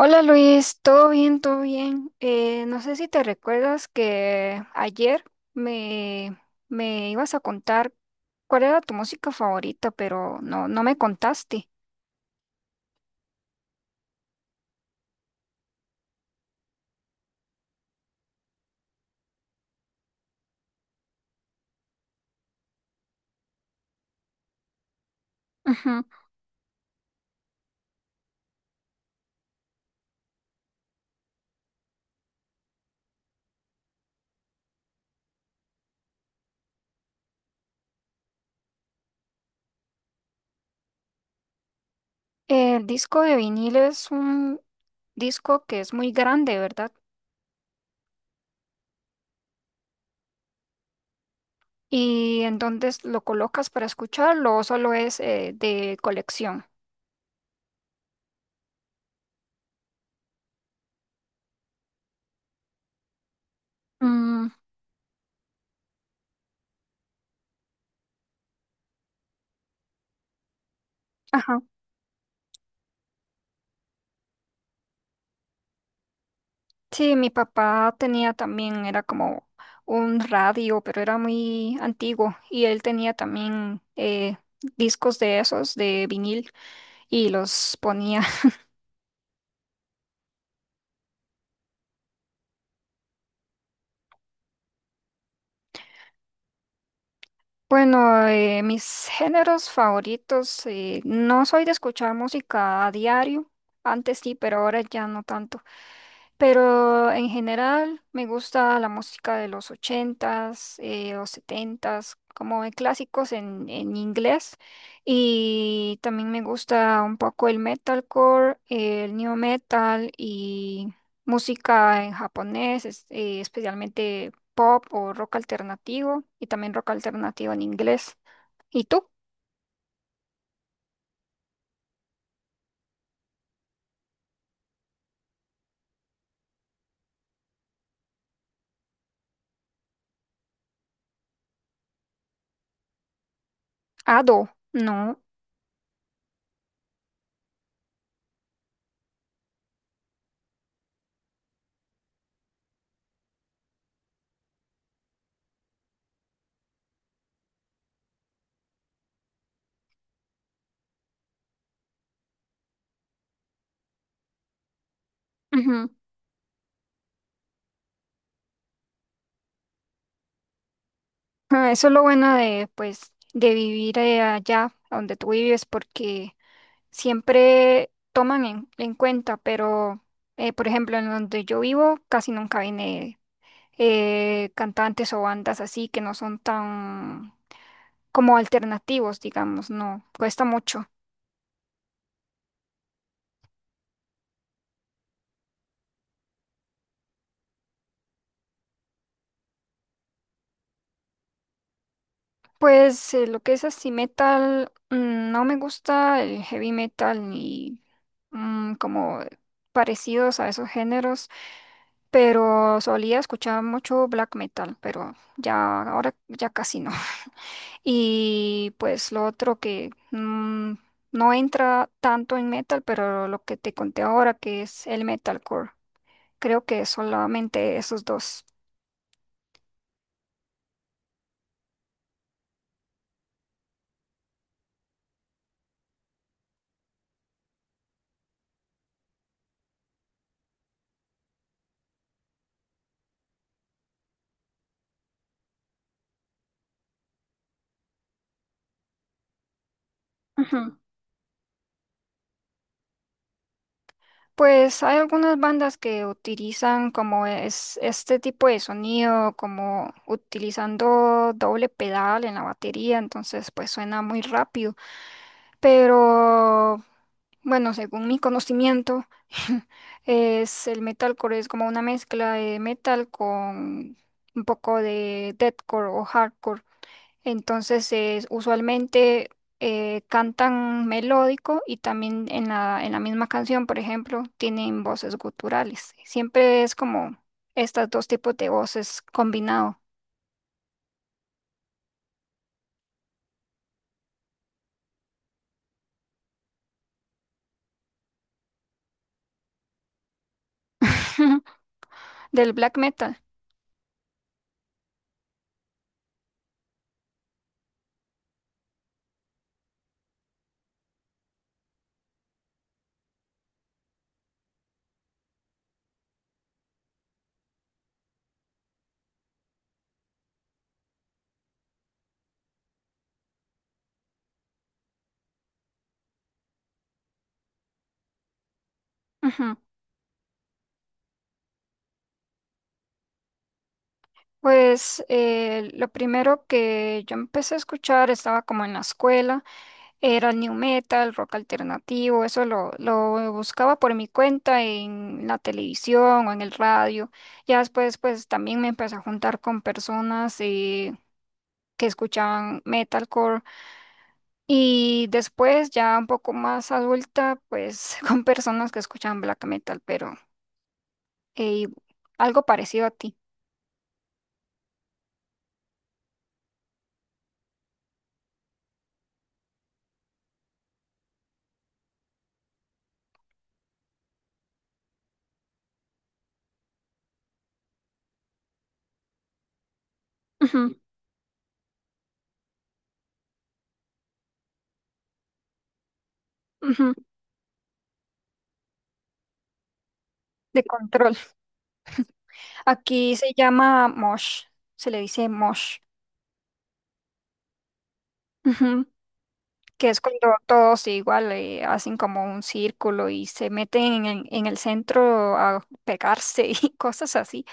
Hola Luis, todo bien, todo bien. No sé si te recuerdas que ayer me, me ibas a contar cuál era tu música favorita, pero no me contaste. Ujú. El disco de vinilo es un disco que es muy grande, ¿verdad? ¿Y en dónde lo colocas para escucharlo o solo es de colección? Mm, ajá. Sí, mi papá tenía también, era como un radio, pero era muy antiguo y él tenía también discos de esos, de vinil, y los ponía. Bueno, mis géneros favoritos, no soy de escuchar música a diario, antes sí, pero ahora ya no tanto. Pero en general me gusta la música de los ochentas o setentas, como de clásicos en inglés. Y también me gusta un poco el metalcore, el new metal y música en japonés, especialmente pop o rock alternativo y también rock alternativo en inglés. ¿Y tú? Ado, no. Ujú. Ah, eso es lo bueno de, pues, de vivir allá donde tú vives porque siempre toman en cuenta, pero por ejemplo, en donde yo vivo casi nunca viene cantantes o bandas así que no son tan como alternativos, digamos, no, cuesta mucho. Pues lo que es así metal, no me gusta el heavy metal ni como parecidos a esos géneros, pero solía escuchar mucho black metal, pero ya ahora ya casi no. Y pues lo otro que no entra tanto en metal, pero lo que te conté ahora, que es el metalcore. Creo que solamente esos dos. Ujú. Pues hay algunas bandas que utilizan como es este tipo de sonido, como utilizando doble pedal en la batería, entonces pues suena muy rápido. Pero bueno, según mi conocimiento, es el metalcore es como una mezcla de metal con un poco de deathcore o hardcore. Entonces, usualmente cantan melódico y también en en la misma canción, por ejemplo, tienen voces guturales. Siempre es como estos dos tipos de voces combinado del black metal. Pues lo primero que yo empecé a escuchar estaba como en la escuela, era el new metal, rock alternativo, eso lo buscaba por mi cuenta en la televisión o en el radio. Ya después pues también me empecé a juntar con personas que escuchaban metalcore y después ya un poco más adulta pues con personas que escuchaban black metal, pero eh, algo parecido a ti. Ujú, ujú, de control. Aquí se llama mosh, se le dice mosh, ujú, que es cuando todos igual hacen como un círculo y se meten en el centro a pegarse y cosas así.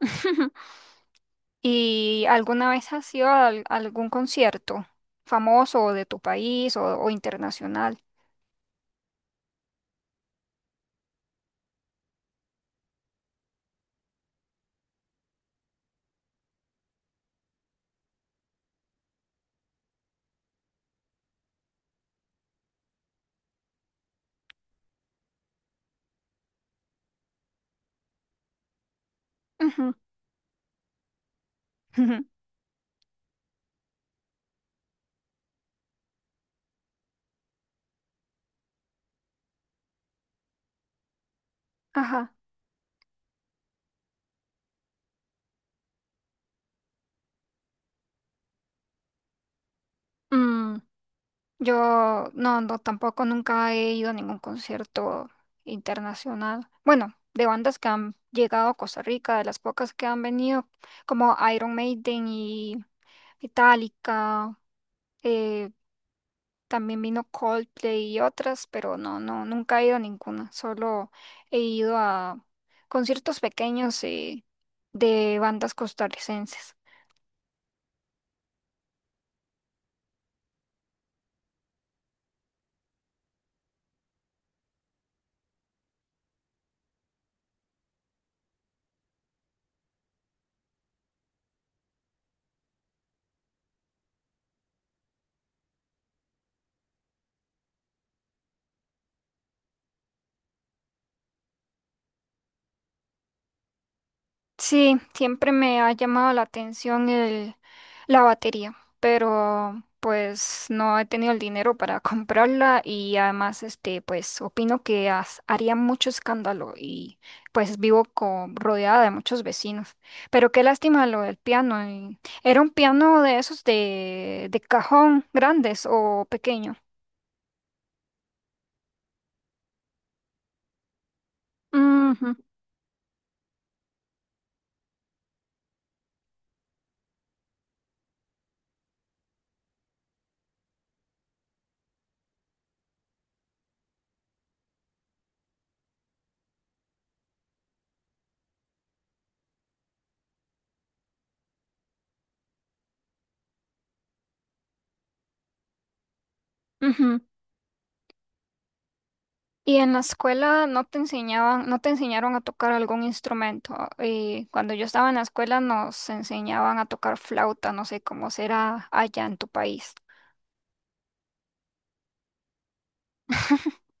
¿Y alguna vez has ido a algún concierto famoso o de tu país o internacional? Ujú, ujú, ajá. Mm. Yo no, tampoco nunca he ido a ningún concierto internacional. Bueno, de bandas que han llegado a Costa Rica, de las pocas que han venido, como Iron Maiden y Metallica, eh, también vino Coldplay y otras, pero no, nunca he ido a ninguna. Solo he ido a conciertos pequeños de bandas costarricenses. Sí, siempre me ha llamado la atención la batería, pero pues no he tenido el dinero para comprarla y además este pues opino que haría mucho escándalo y pues vivo rodeada de muchos vecinos. Pero qué lástima lo del piano. Y- ¿Era un piano de esos de cajón grandes o pequeño? Ujú, ujú. ¿Y en la escuela no te enseñaban, no te enseñaron a tocar algún instrumento? Cuando yo estaba en la escuela nos enseñaban a tocar flauta, no sé cómo será allá en tu país.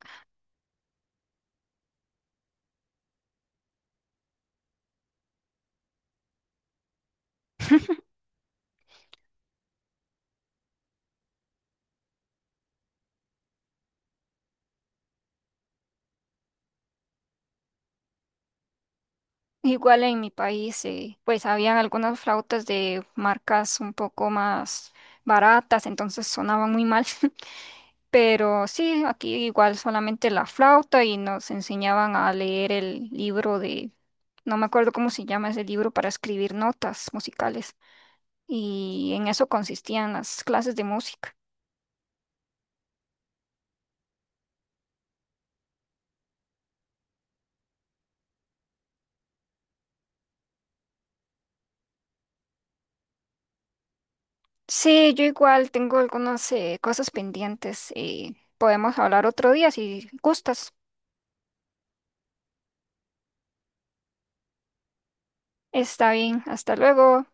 Igual en mi país, pues habían algunas flautas de marcas un poco más baratas, entonces sonaban muy mal. Pero sí, aquí igual solamente la flauta y nos enseñaban a leer el libro de, no me acuerdo cómo se llama ese libro para escribir notas musicales. Y en eso consistían las clases de música. Sí, yo igual tengo algunas cosas pendientes. Podemos hablar otro día si gustas. Está bien, hasta luego.